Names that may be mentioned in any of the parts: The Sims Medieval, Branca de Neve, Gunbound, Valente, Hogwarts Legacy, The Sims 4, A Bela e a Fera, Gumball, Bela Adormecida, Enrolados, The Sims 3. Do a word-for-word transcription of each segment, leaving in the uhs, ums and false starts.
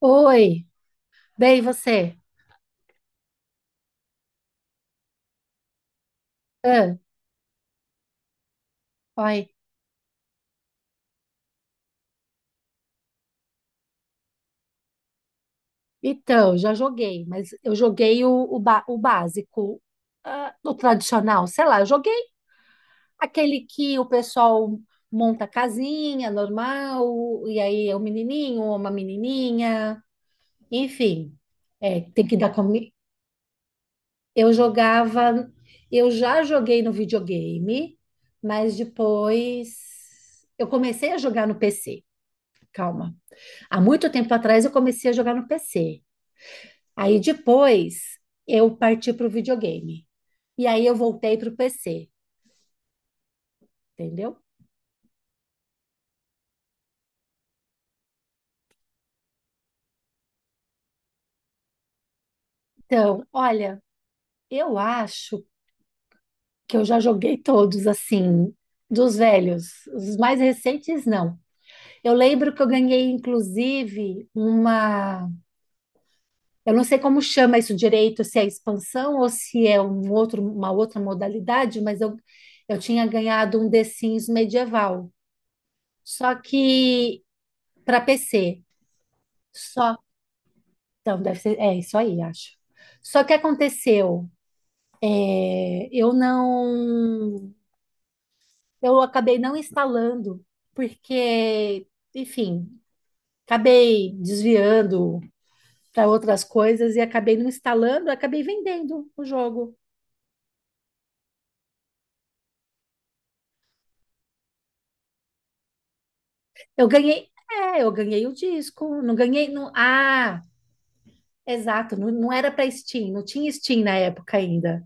Oi, bem você? Ah, oi. Então, já joguei, mas eu joguei o, o, ba- o básico, ah, o tradicional, sei lá, eu joguei aquele que o pessoal monta casinha normal, e aí é um menininho ou uma menininha, enfim, é, tem que dar comida. Eu jogava, eu já joguei no videogame, mas depois eu comecei a jogar no P C, calma. Há muito tempo atrás eu comecei a jogar no P C. Aí depois eu parti para o videogame. E aí eu voltei para o P C, entendeu? Então, olha, eu acho que eu já joguei todos assim, dos velhos. Os mais recentes, não. Eu lembro que eu ganhei, inclusive, uma. Eu não sei como chama isso direito, se é expansão ou se é um outro, uma outra modalidade, mas eu, eu tinha ganhado um The Sims medieval. Só que para P C. Só, então, deve ser, é isso aí, acho. Só que aconteceu, é, eu não, eu acabei não instalando, porque, enfim, acabei desviando para outras coisas e acabei não instalando, acabei vendendo o jogo. Eu ganhei, é, eu ganhei o disco, não ganhei, não, ah, exato, não, não era para Steam, não tinha Steam na época ainda.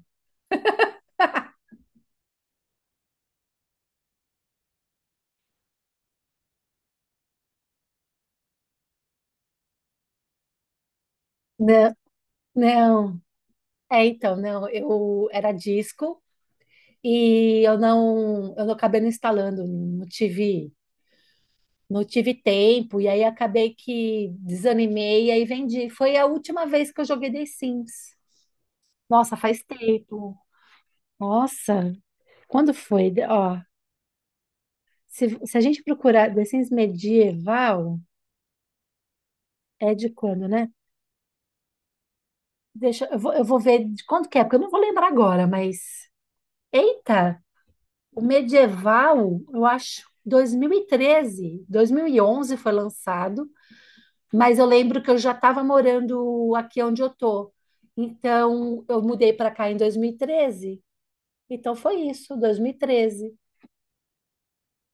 Não, não. É, então, não, eu era disco, e eu não, eu não acabei não instalando, não tive, não tive tempo, e aí acabei que desanimei e aí vendi. Foi a última vez que eu joguei The Sims. Nossa, faz tempo. Nossa, quando foi? De- Ó, se, se a gente procurar The Sims medieval, é de quando, né? Deixa, eu vou, eu vou ver de quando que é, porque eu não vou lembrar agora, mas. Eita, o medieval, eu acho, dois mil e treze, dois mil e onze foi lançado. Mas eu lembro que eu já estava morando aqui onde eu tô. Então, eu mudei para cá em dois mil e treze. Então, foi isso, dois mil e treze.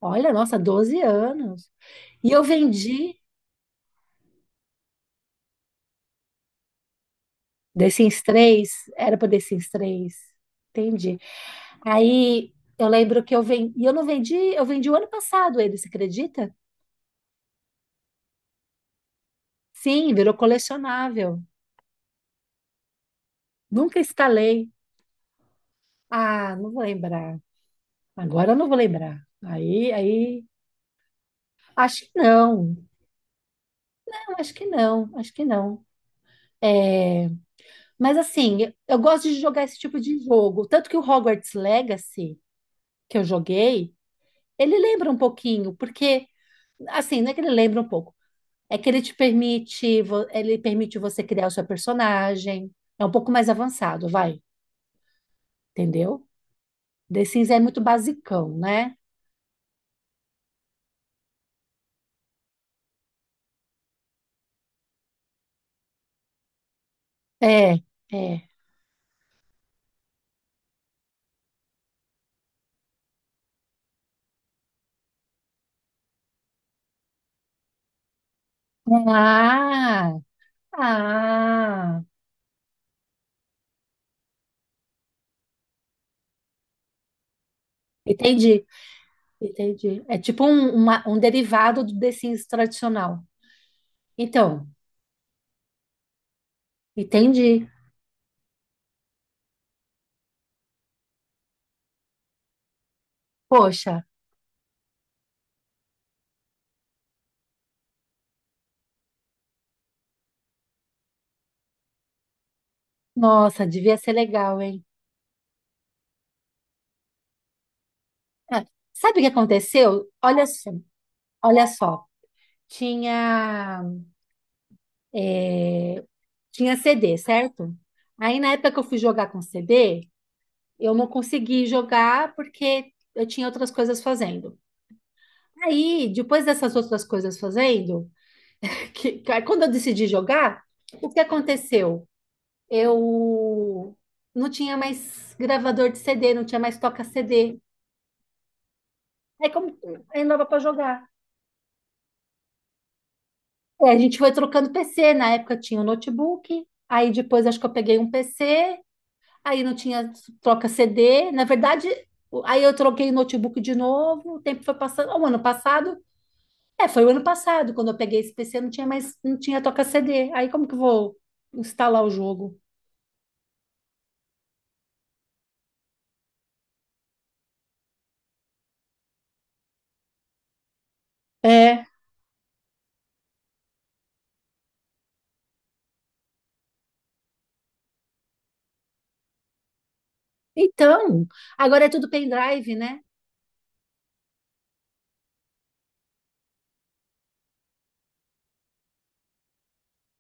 Olha, nossa, doze anos. E eu vendi The Sims três, era para The Sims três. Entendi. Aí, eu lembro que eu vendi, e eu não vendi, eu vendi o ano passado ele, você acredita? Sim, virou colecionável. Nunca instalei. Ah, não vou lembrar. Agora eu não vou lembrar. Aí, aí, acho que não. Acho que não, acho que não. É, mas assim, eu eu gosto de jogar esse tipo de jogo. Tanto que o Hogwarts Legacy, que eu joguei, ele lembra um pouquinho, porque, assim, não é que ele lembra um pouco, é que ele te permite, vo- ele permite você criar o seu personagem. É um pouco mais avançado, vai, entendeu? The Sims é muito basicão, né? É, é. Ah, ah, entendi, entendi. É tipo um, uma- um derivado do The Sims tradicional. Então, entendi. Poxa, nossa, devia ser legal, hein? É, sabe o que aconteceu? Olha só, olha só. Tinha, é, tinha C D, certo? Aí na época que eu fui jogar com C D, eu não consegui jogar porque eu tinha outras coisas fazendo. Aí, depois dessas outras coisas fazendo, que, que- aí quando eu decidi jogar, o que aconteceu? Eu não tinha mais gravador de C D, não tinha mais toca-C D. É como tudo, ainda dava para jogar. É, a gente foi trocando P C, na época tinha o notebook, aí depois acho que eu peguei um P C, aí não tinha troca C D, na verdade, o- aí eu troquei o notebook de novo, o tempo foi passando. Ah, o ano passado, é, foi o ano passado, quando eu peguei esse P C, não tinha mais, não tinha toca C D, aí como que eu vou instalar o jogo? É, então, agora é tudo pendrive, né?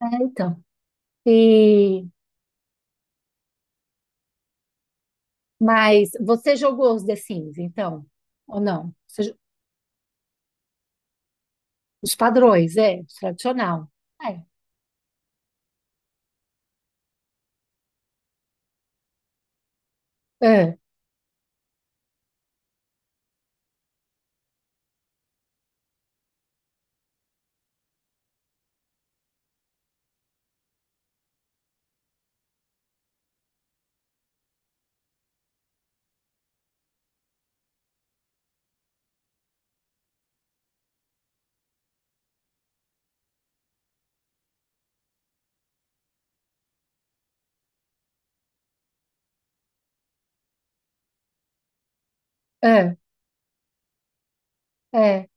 É, então, e, mas você jogou os The Sims, então, ou não? Você os padrões, é, tradicional. É, é, é, é.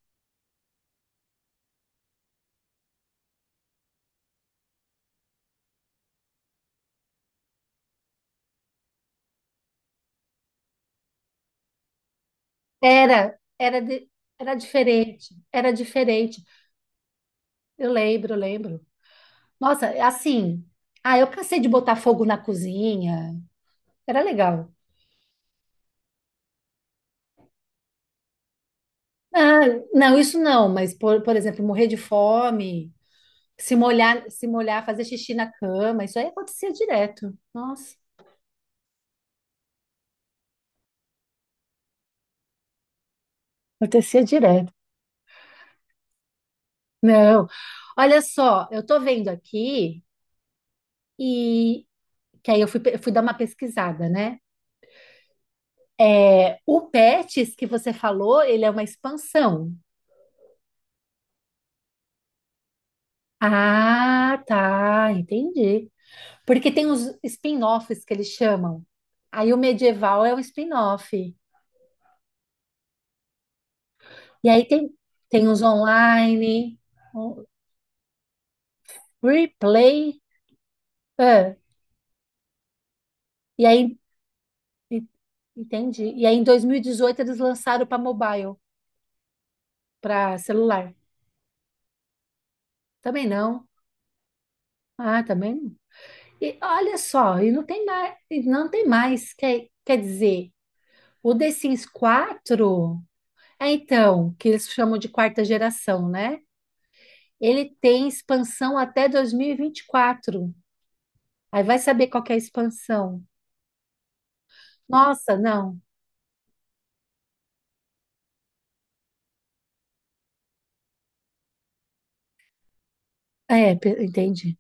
Era, era, de- era diferente, era diferente. Eu lembro, eu lembro. Nossa, assim, ah, eu cansei de botar fogo na cozinha. Era legal. Ah, não, isso não, mas por, por exemplo, morrer de fome, se molhar, se molhar, fazer xixi na cama, isso aí acontecia direto. Nossa, acontecia direto. Não. Olha só, eu tô vendo aqui e que aí eu fui, eu fui dar uma pesquisada, né? É, o Pets que você falou, ele é uma expansão. Ah, tá, entendi. Porque tem os spin-offs que eles chamam. Aí o medieval é o spin-off. E aí tem, tem os online, o replay. Ah, e aí, e- entendi. E aí em dois mil e dezoito eles lançaram para mobile, para celular. Também não. Ah, também. E olha só, e não tem mais, e não tem mais, quer, quer dizer, o The Sims quatro, é então, que eles chamam de quarta geração, né? Ele tem expansão até dois mil e e vinte e quatro. Aí vai saber qual que é a expansão. Nossa, não. É, pe- entendi.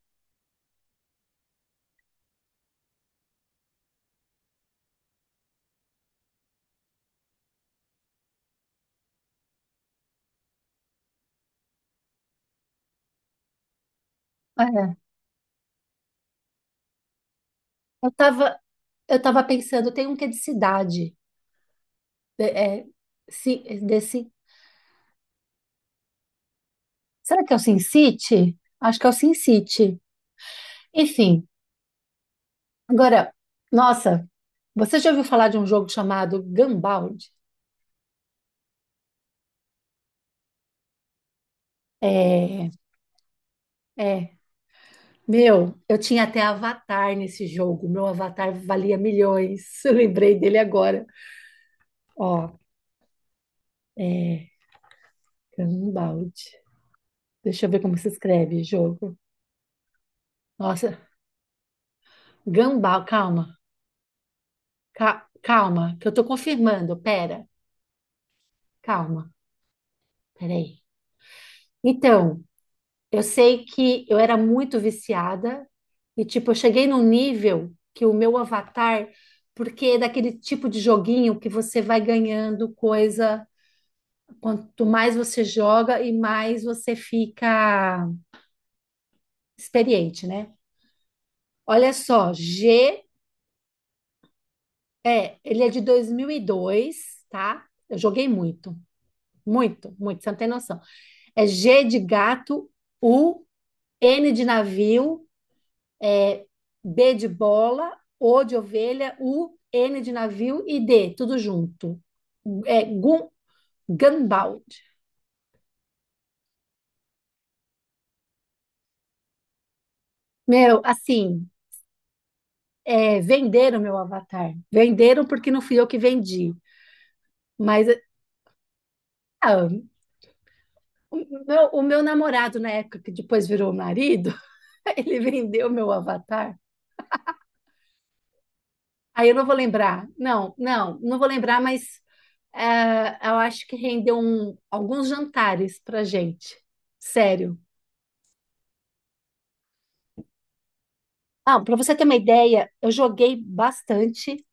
É, eu tava, eu tava pensando, tem um que é de cidade. De- É, si- desse, será que é o Sin City? Acho que é o Sin City. Enfim, agora, nossa, você já ouviu falar de um jogo chamado Gumball? É, é. Meu, eu tinha até avatar nesse jogo. Meu avatar valia milhões. Eu lembrei dele agora. Ó, é Gumball. Deixa eu ver como se escreve jogo. Nossa, Gumball, calma. Ca- calma, que eu tô confirmando. Pera, calma. Peraí. Então, eu sei que eu era muito viciada e, tipo, eu cheguei num nível que o meu avatar, porque é daquele tipo de joguinho que você vai ganhando coisa, quanto mais você joga e mais você fica experiente, né? Olha só, G, é, ele é de dois mil e dois, tá? Eu joguei muito, muito, muito, você não tem noção. É G de gato, U, N de navio, é B de bola, O de ovelha, U, N de navio e D, tudo junto. É, Gun, Gunbound. Meu, assim, é, venderam meu avatar. Venderam porque não fui eu que vendi. Mas ah, o meu, o meu namorado, na época que depois virou marido, ele vendeu meu avatar. Aí eu não vou lembrar. Não, não, não vou lembrar, mas ah, eu acho que rendeu um- alguns jantares pra gente. Sério. Ah, para você ter uma ideia, eu joguei bastante.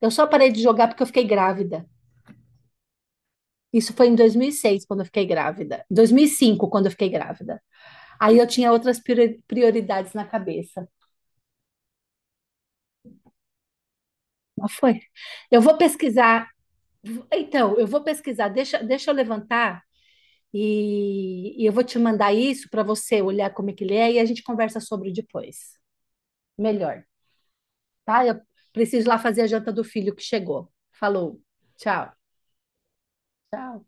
Eu só parei de jogar porque eu fiquei grávida. Isso foi em dois mil e seis quando eu fiquei grávida. Dois mil e cinco quando eu fiquei grávida. Aí eu tinha outras priori- prioridades na cabeça. Mas foi. Eu vou pesquisar. Então, eu vou pesquisar. Deixa, deixa eu levantar e, e eu vou te mandar isso para você olhar como é que ele é e a gente conversa sobre depois. Melhor, tá? Eu preciso lá fazer a janta do filho que chegou. Falou. Tchau. Tchau.